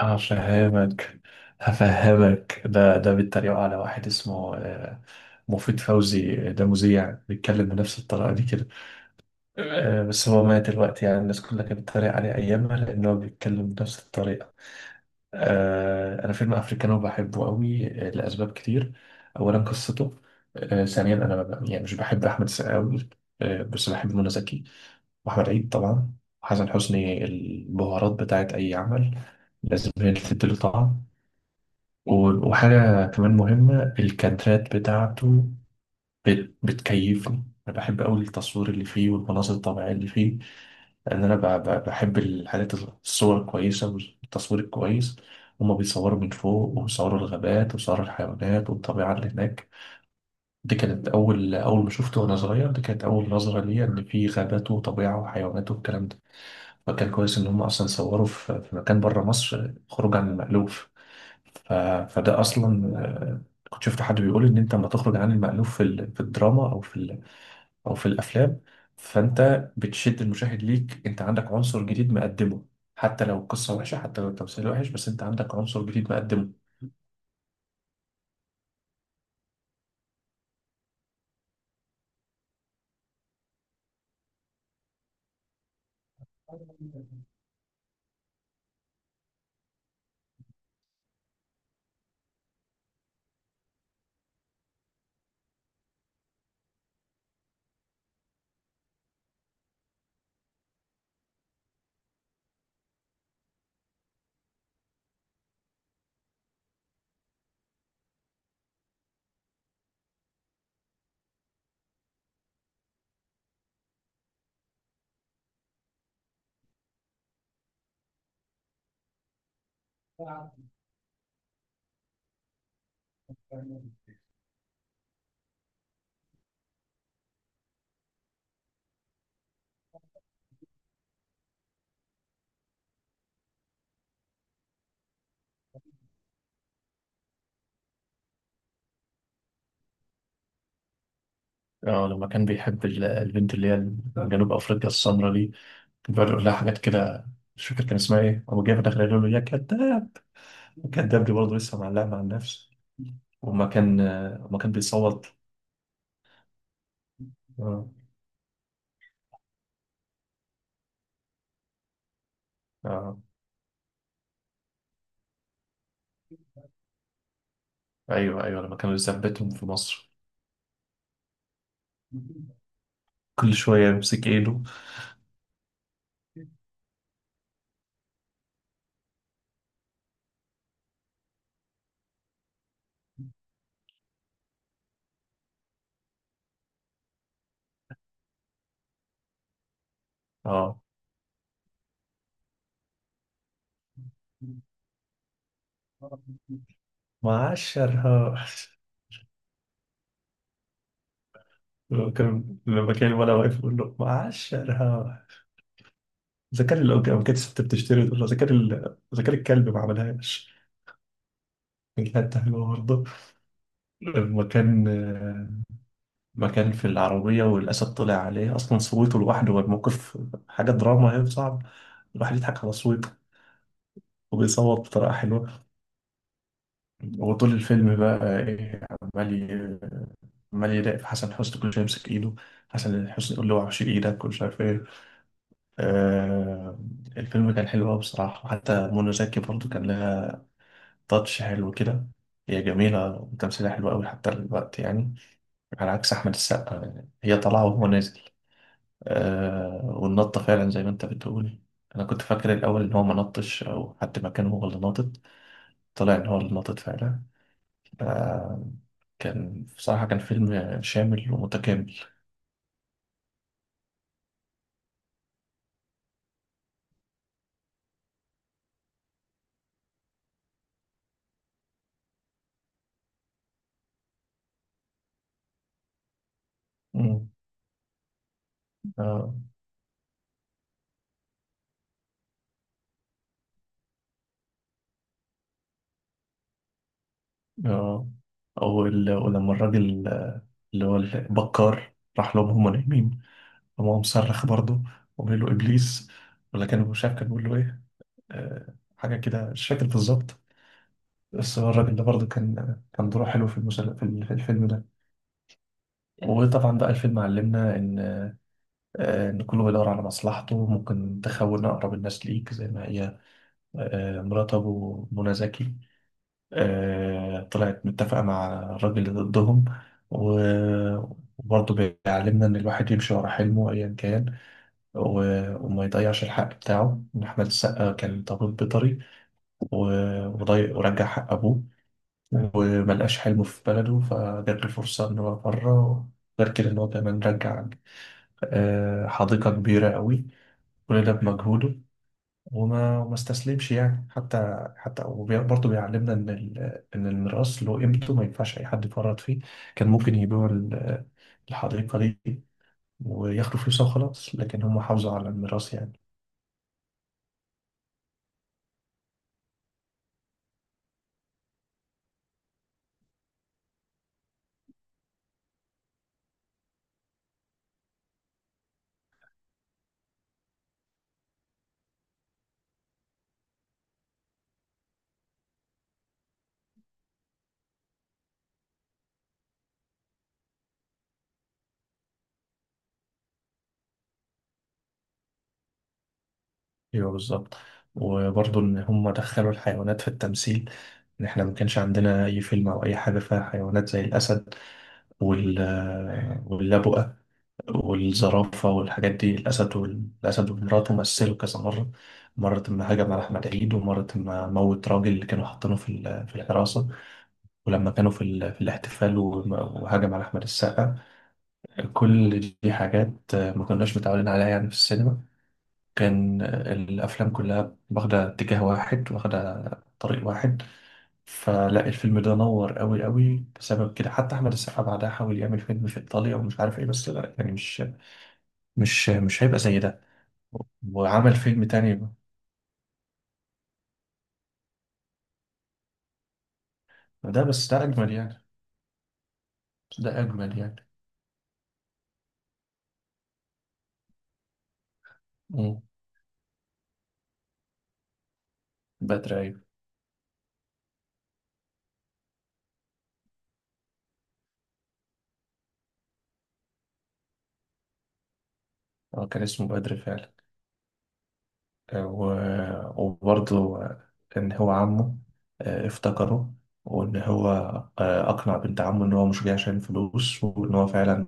هفهمك هفهمك. ده بيتريقوا على واحد اسمه مفيد فوزي، ده مذيع بيتكلم بنفس الطريقة دي كده. بس هو مات دلوقتي، يعني الناس كلها كانت بتتريق عليه أيامها لأن هو بيتكلم بنفس الطريقة. أنا فيلم أفريكانو بحبه قوي لأسباب كتير. أولا قصته. ثانيا أنا ما ب- يعني مش بحب أحمد السقا قوي، بس بحب منى زكي وأحمد عيد طبعا. وحسن حسني، البهارات بتاعت أي عمل لازم هي اللي تديله طعم. وحاجة كمان مهمة، الكادرات بتاعته بتكيفني. أنا بحب أوي التصوير اللي فيه والمناظر الطبيعية اللي فيه، لأن أنا بحب الحاجات الصور الكويسة والتصوير الكويس. هما بيصوروا من فوق، وبيصوروا الغابات وبيصوروا الحيوانات والطبيعة اللي هناك. دي كانت أول ما شفته وأنا صغير، دي كانت أول نظرة ليا إن في غابات وطبيعة وحيوانات والكلام ده. فكان كويس إن هما أصلا صوروا في مكان بره مصر، خروج عن المألوف. ف... فده اصلا كنت شفت حد بيقول ان انت لما تخرج عن المألوف في الدراما او في الافلام، فانت بتشد المشاهد ليك، انت عندك عنصر جديد مقدمه. حتى لو القصه وحشه، حتى لو التمثيل وحش، بس انت عندك عنصر جديد مقدمه. اه، لما كان بيحب البنت اللي هي من جنوب افريقيا السمراء دي، كان بيقعد يقول لها حاجات كده. مش فاكر كان اسمها ايه، هو جاي في الاخر يقول له يا كذاب. الكذاب دي برضه لسه معلقه مع النفس. وما كان وما كان بيصوت. اه. ايوه ايوه، لما كانوا يثبتهم في مصر كل شوية يمسك ايده. اه، معشرها. لما كان ولا واقف يقول له معشرها، اذا كان، لو لو كانت الست بتشتري تقول له اذا كان اذا كان الكلب ما عملهاش. كانت حتة حلوه برضه. لما كان لما كان في العربيه والاسد طلع عليه، اصلا صوته لوحده والموقف حاجه دراما، هي صعب الواحد يضحك على صوته، وبيصوت بطريقه حلوه. وطول الفيلم بقى ايه، عمال ي- عمال يراقب في حسن حسني، كل شويه يمسك ايده، حسن حسني يقول له وحش ايدك ومش عارف ايه. آه، الفيلم كان حلو قوي بصراحه. وحتى منى زكي برضو كان لها تاتش حلو كده، هي جميله وتمثيلها حلو قوي حتى الوقت يعني، على عكس احمد السقا، يعني هي طالعه وهو نازل. آه، والنطه فعلا زي ما انت بتقول، انا كنت فاكر الاول ان هو ما نطش او حد مكانه هو اللي ناطط، طلع ان هو اللي ناطط فعلا. آه، كان بصراحة، كان فيلم شامل ومتكامل. مم. آه، آه، أو ولما الراجل، اللي هو البكار، راح لهم هم نايمين، قام هو مصرخ برضه وقال له إبليس، ولا كان مش عارف كان بيقول له إيه، حاجة كده مش فاكر بالظبط. بس هو الراجل ده برضه كان دوره حلو في في الفيلم ده. وطبعا بقى الفيلم علمنا إن، إن كله بيدور على مصلحته، ممكن تخون أقرب الناس ليك زي ما هي، مرات أبو منى زكي، طلعت متفقة مع الراجل اللي ضدهم. و- وبرضه بيعلمنا إن الواحد يمشي ورا حلمه أيا كان، وما يضيعش الحق بتاعه، إن أحمد السقا كان ضابط بيطري وضيع ورجع حق أبوه، وملقاش حلمه في بلده فجات له فرصة إن هو بره، غير كده إن هو كمان رجع حديقة كبيرة قوي، كل ده بمجهوده. وما استسلمش يعني. حتى وبرضه بيعلمنا ان ان الميراث له قيمته، ما ينفعش اي حد يفرط فيه. كان ممكن يبيعوا الحديقه دي وياخدوا فلوسها وخلاص، لكن هم حافظوا على الميراث يعني. ايوه بالظبط. وبرضه ان هم دخلوا الحيوانات في التمثيل، ان احنا ما كانش عندنا اي فيلم او اي حاجه فيها حيوانات زي الاسد وال واللبؤه والزرافة والحاجات دي. الأسد والأسد ومراته مثلوا كذا مرة، مرة ما هجم على أحمد عيد، ومرة ما موت راجل اللي كانوا حاطينه في في الحراسة، ولما كانوا في، في الاحتفال وهجم على أحمد السقا. كل دي حاجات ما كناش متعودين عليها يعني في السينما. كان الأفلام كلها واخدة اتجاه واحد، واخدة طريق واحد، فلا الفيلم ده نور قوي قوي بسبب كده. حتى أحمد السقا بعدها حاول يعمل فيلم في إيطاليا ومش عارف إيه، بس لا يعني مش هيبقى زي ده. وعمل فيلم تاني بقى. ده بس ده أجمل يعني، ده أجمل يعني. مم. بدر، أيوة. هو كان اسمه بدر فعلا. آه، و... وبرضه إن هو عمه، افتكره. وإن هو أقنع بنت عمه إن هو مش جاي عشان فلوس، وإن هو فعلا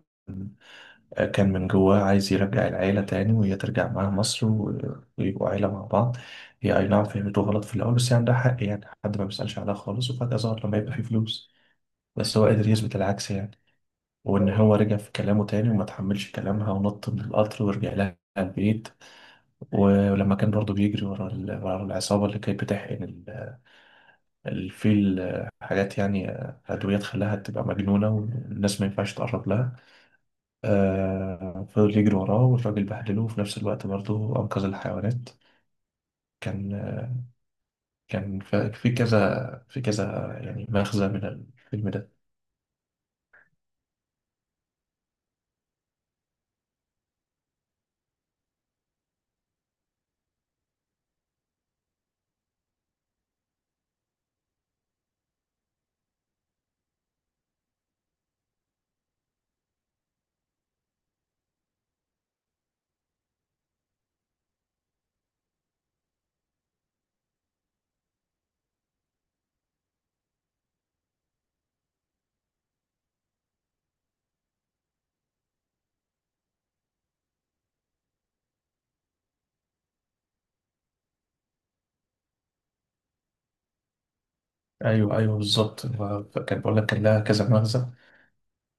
كان من جواه عايز يرجع العيلة تاني، وهي ترجع معاه مصر ويبقوا عيلة مع بعض. هي أي نعم فهمته غلط في الأول، بس يعني ده حق يعني، حد ما بيسألش عليها خالص وفجأة ظهر لما يبقى فيه فلوس، بس هو قادر يثبت العكس يعني. وإن هو رجع في كلامه تاني وما تحملش كلامها ونط من القطر ورجع لها البيت. ولما كان برضه بيجري ورا ورا العصابة اللي كانت بتحقن الفيل، حاجات يعني أدوية تخليها تبقى مجنونة والناس ما ينفعش تقرب لها، فضل يجري وراه والراجل بهدله، وفي نفس الوقت برضه أنقذ الحيوانات. كان آه، كان في كذا يعني مغزى من الفيلم ده. أيوه أيوه بالظبط، هو كان بقول لك كان لها كذا مغزى.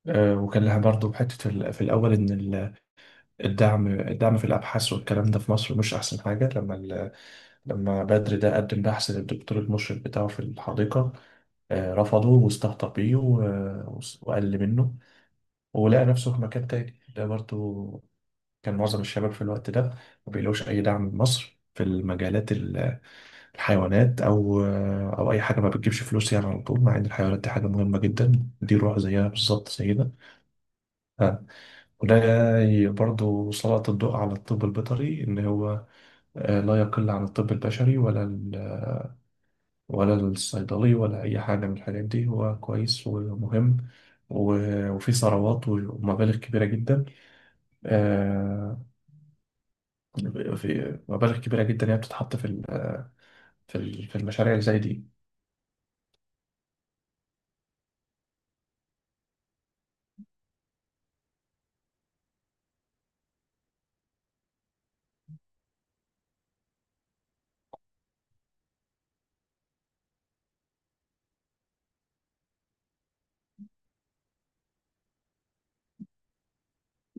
وكان لها برضه حتة في الأول، إن الدعم في الأبحاث والكلام ده في مصر مش أحسن حاجة. لما لما بدر ده قدم بحث للدكتور المشرف بتاعه في الحديقة، رفضه واستهتر بيه وقل منه، ولقى نفسه في مكان تاني. ده برضه كان معظم الشباب في الوقت ده ما بيلاقوش أي دعم من مصر في المجالات الحيوانات أو أو أي حاجة، ما بتجيبش فلوس يعني على طول، مع إن الحيوانات دي حاجة مهمة جدا، دي روح زيها بالظبط زينا. وده برضو سلط الضوء على الطب البيطري، إن هو لا يقل عن الطب البشري ولا الصيدلي ولا أي حاجة من الحاجات دي، هو كويس ومهم. وفي ثروات ومبالغ كبيرة جدا، آه، في مبالغ كبيرة جدا هي بتتحط في في المشاريع اللي زي دي.